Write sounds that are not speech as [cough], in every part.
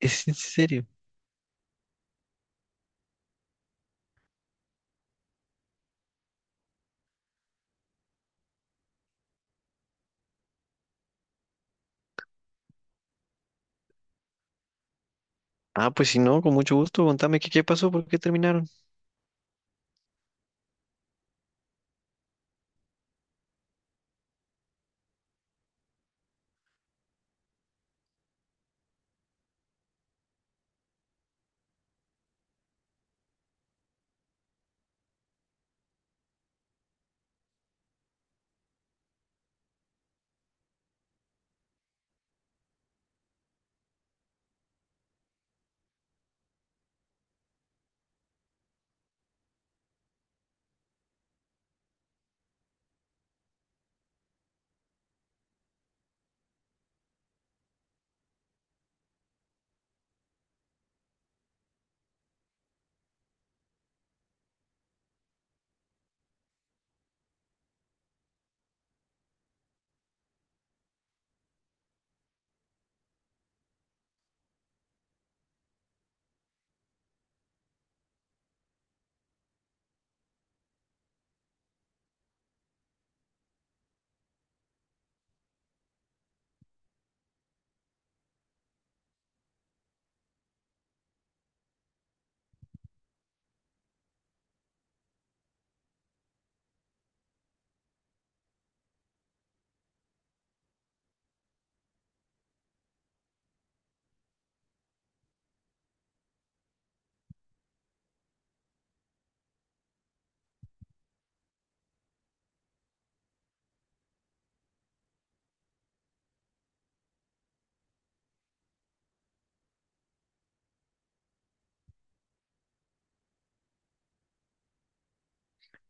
¿Es en serio? Ah, pues si no, con mucho gusto, contame qué pasó, por qué terminaron.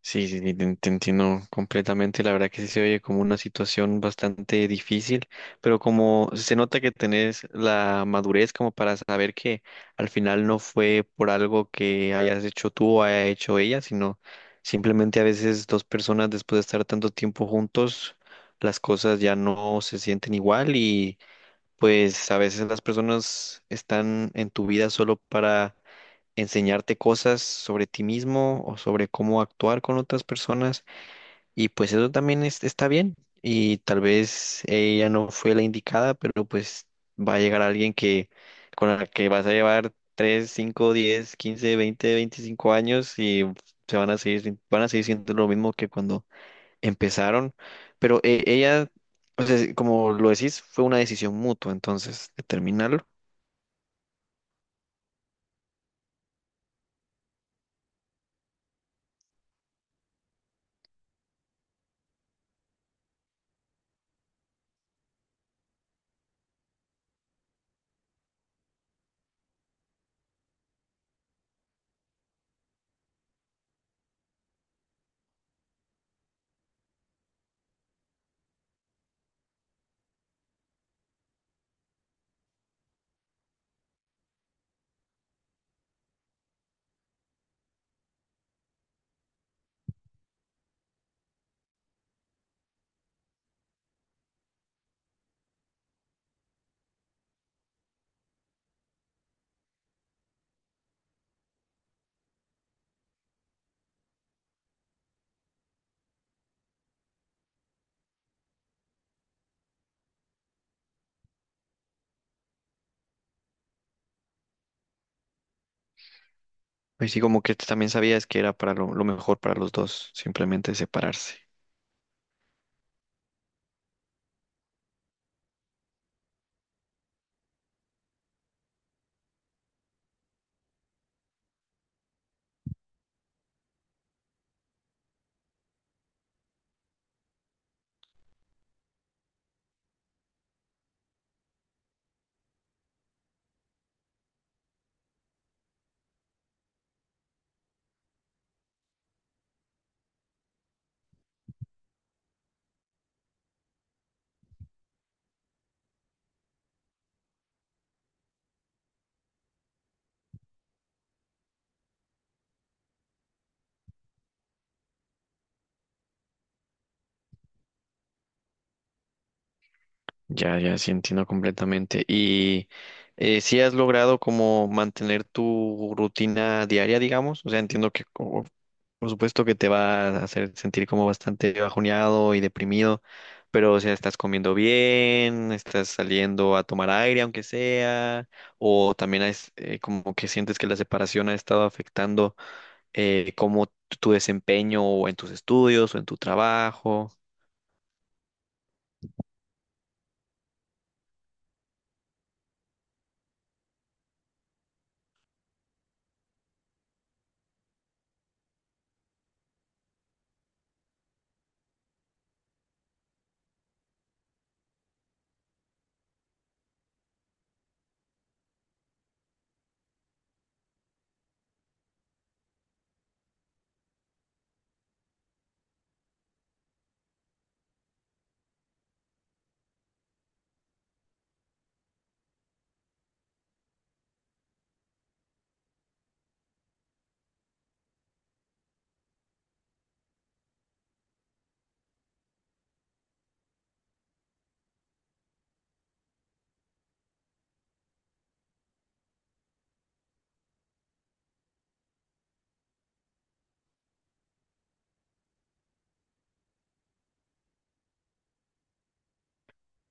Te entiendo completamente. La verdad que sí se oye como una situación bastante difícil, pero como se nota que tenés la madurez como para saber que al final no fue por algo que hayas hecho tú o haya hecho ella, sino simplemente a veces dos personas después de estar tanto tiempo juntos, las cosas ya no se sienten igual y pues a veces las personas están en tu vida solo para enseñarte cosas sobre ti mismo o sobre cómo actuar con otras personas y pues eso también está bien y tal vez ella no fue la indicada, pero pues va a llegar alguien que con la que vas a llevar 3, 5, 10, 15, 20, 25 años y se van a seguir van a seguir siendo lo mismo que cuando empezaron, pero ella, o sea, como lo decís, fue una decisión mutua, entonces, determinarlo. Pues sí, como que también sabías que era para lo mejor para los dos, simplemente separarse. Ya, ya, sí entiendo completamente. ¿Y si has logrado como mantener tu rutina diaria, digamos? O sea, entiendo que por supuesto que te va a hacer sentir como bastante bajoneado y deprimido, pero o sea, ¿estás comiendo bien? ¿Estás saliendo a tomar aire, aunque sea? ¿O también es, como que sientes que la separación ha estado afectando cómo tu desempeño o en tus estudios o en tu trabajo?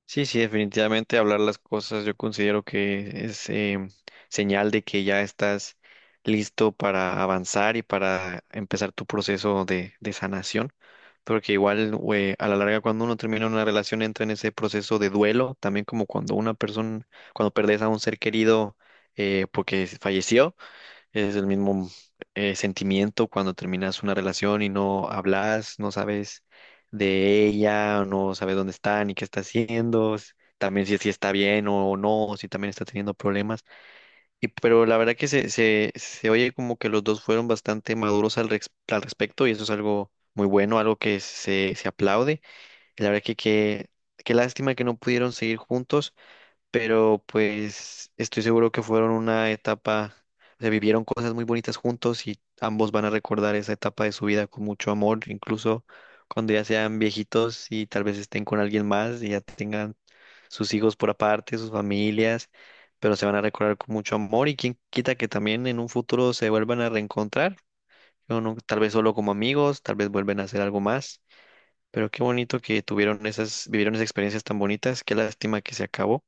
Sí, sí, definitivamente hablar las cosas yo considero que es señal de que ya estás listo para avanzar y para empezar tu proceso de sanación. Porque igual güey, a la larga cuando uno termina una relación entra en ese proceso de duelo, también como cuando una persona, cuando perdes a un ser querido porque falleció. Es el mismo sentimiento cuando terminas una relación y no hablas, no sabes de ella, no sabes dónde está ni qué está haciendo, también si, si está bien o no, o si también está teniendo problemas. Y pero la verdad que se oye como que los dos fueron bastante maduros al, al respecto y eso es algo muy bueno, algo que se aplaude. Y la verdad que qué lástima que no pudieron seguir juntos, pero pues estoy seguro que fueron una etapa, se vivieron cosas muy bonitas juntos y ambos van a recordar esa etapa de su vida con mucho amor, incluso cuando ya sean viejitos y tal vez estén con alguien más y ya tengan sus hijos por aparte, sus familias, pero se van a recordar con mucho amor y quién quita que también en un futuro se vuelvan a reencontrar, o no, tal vez solo como amigos, tal vez vuelven a hacer algo más. Pero qué bonito que tuvieron esas, vivieron esas experiencias tan bonitas, qué lástima que se acabó,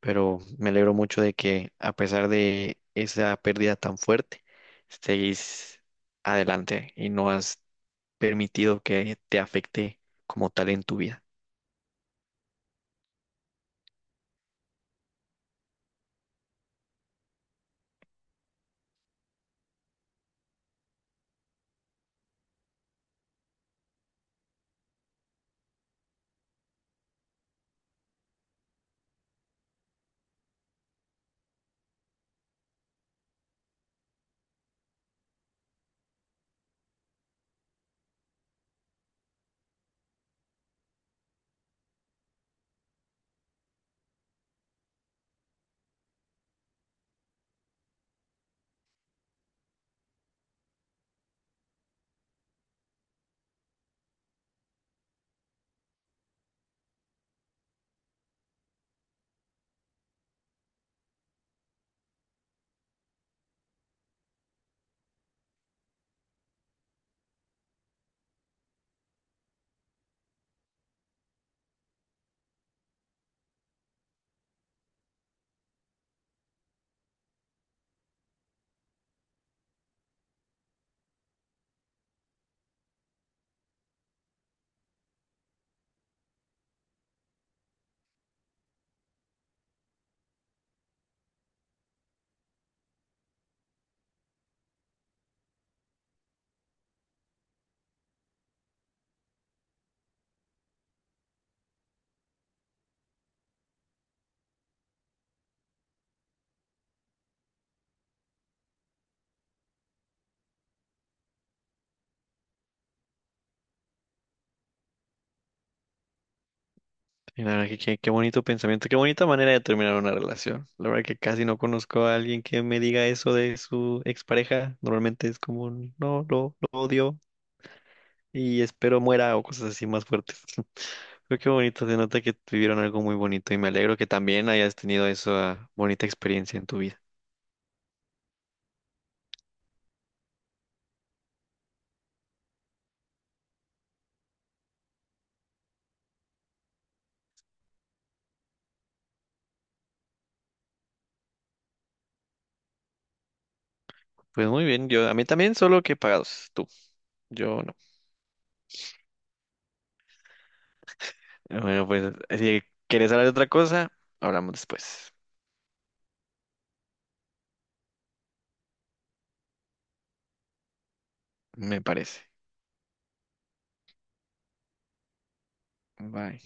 pero me alegro mucho de que a pesar de esa pérdida tan fuerte, estéis adelante y no has permitido que te afecte como tal en tu vida. Y la verdad que qué bonito pensamiento, qué bonita manera de terminar una relación. La verdad que casi no conozco a alguien que me diga eso de su expareja. Normalmente es como, un, no, lo odio y espero muera o cosas así más fuertes. [laughs] Pero qué bonito, se nota que tuvieron algo muy bonito y me alegro que también hayas tenido esa bonita experiencia en tu vida. Pues muy bien, yo a mí también, solo que pagados, tú, yo no. Bueno, pues si quieres hablar de otra cosa, hablamos después, me parece. Bye.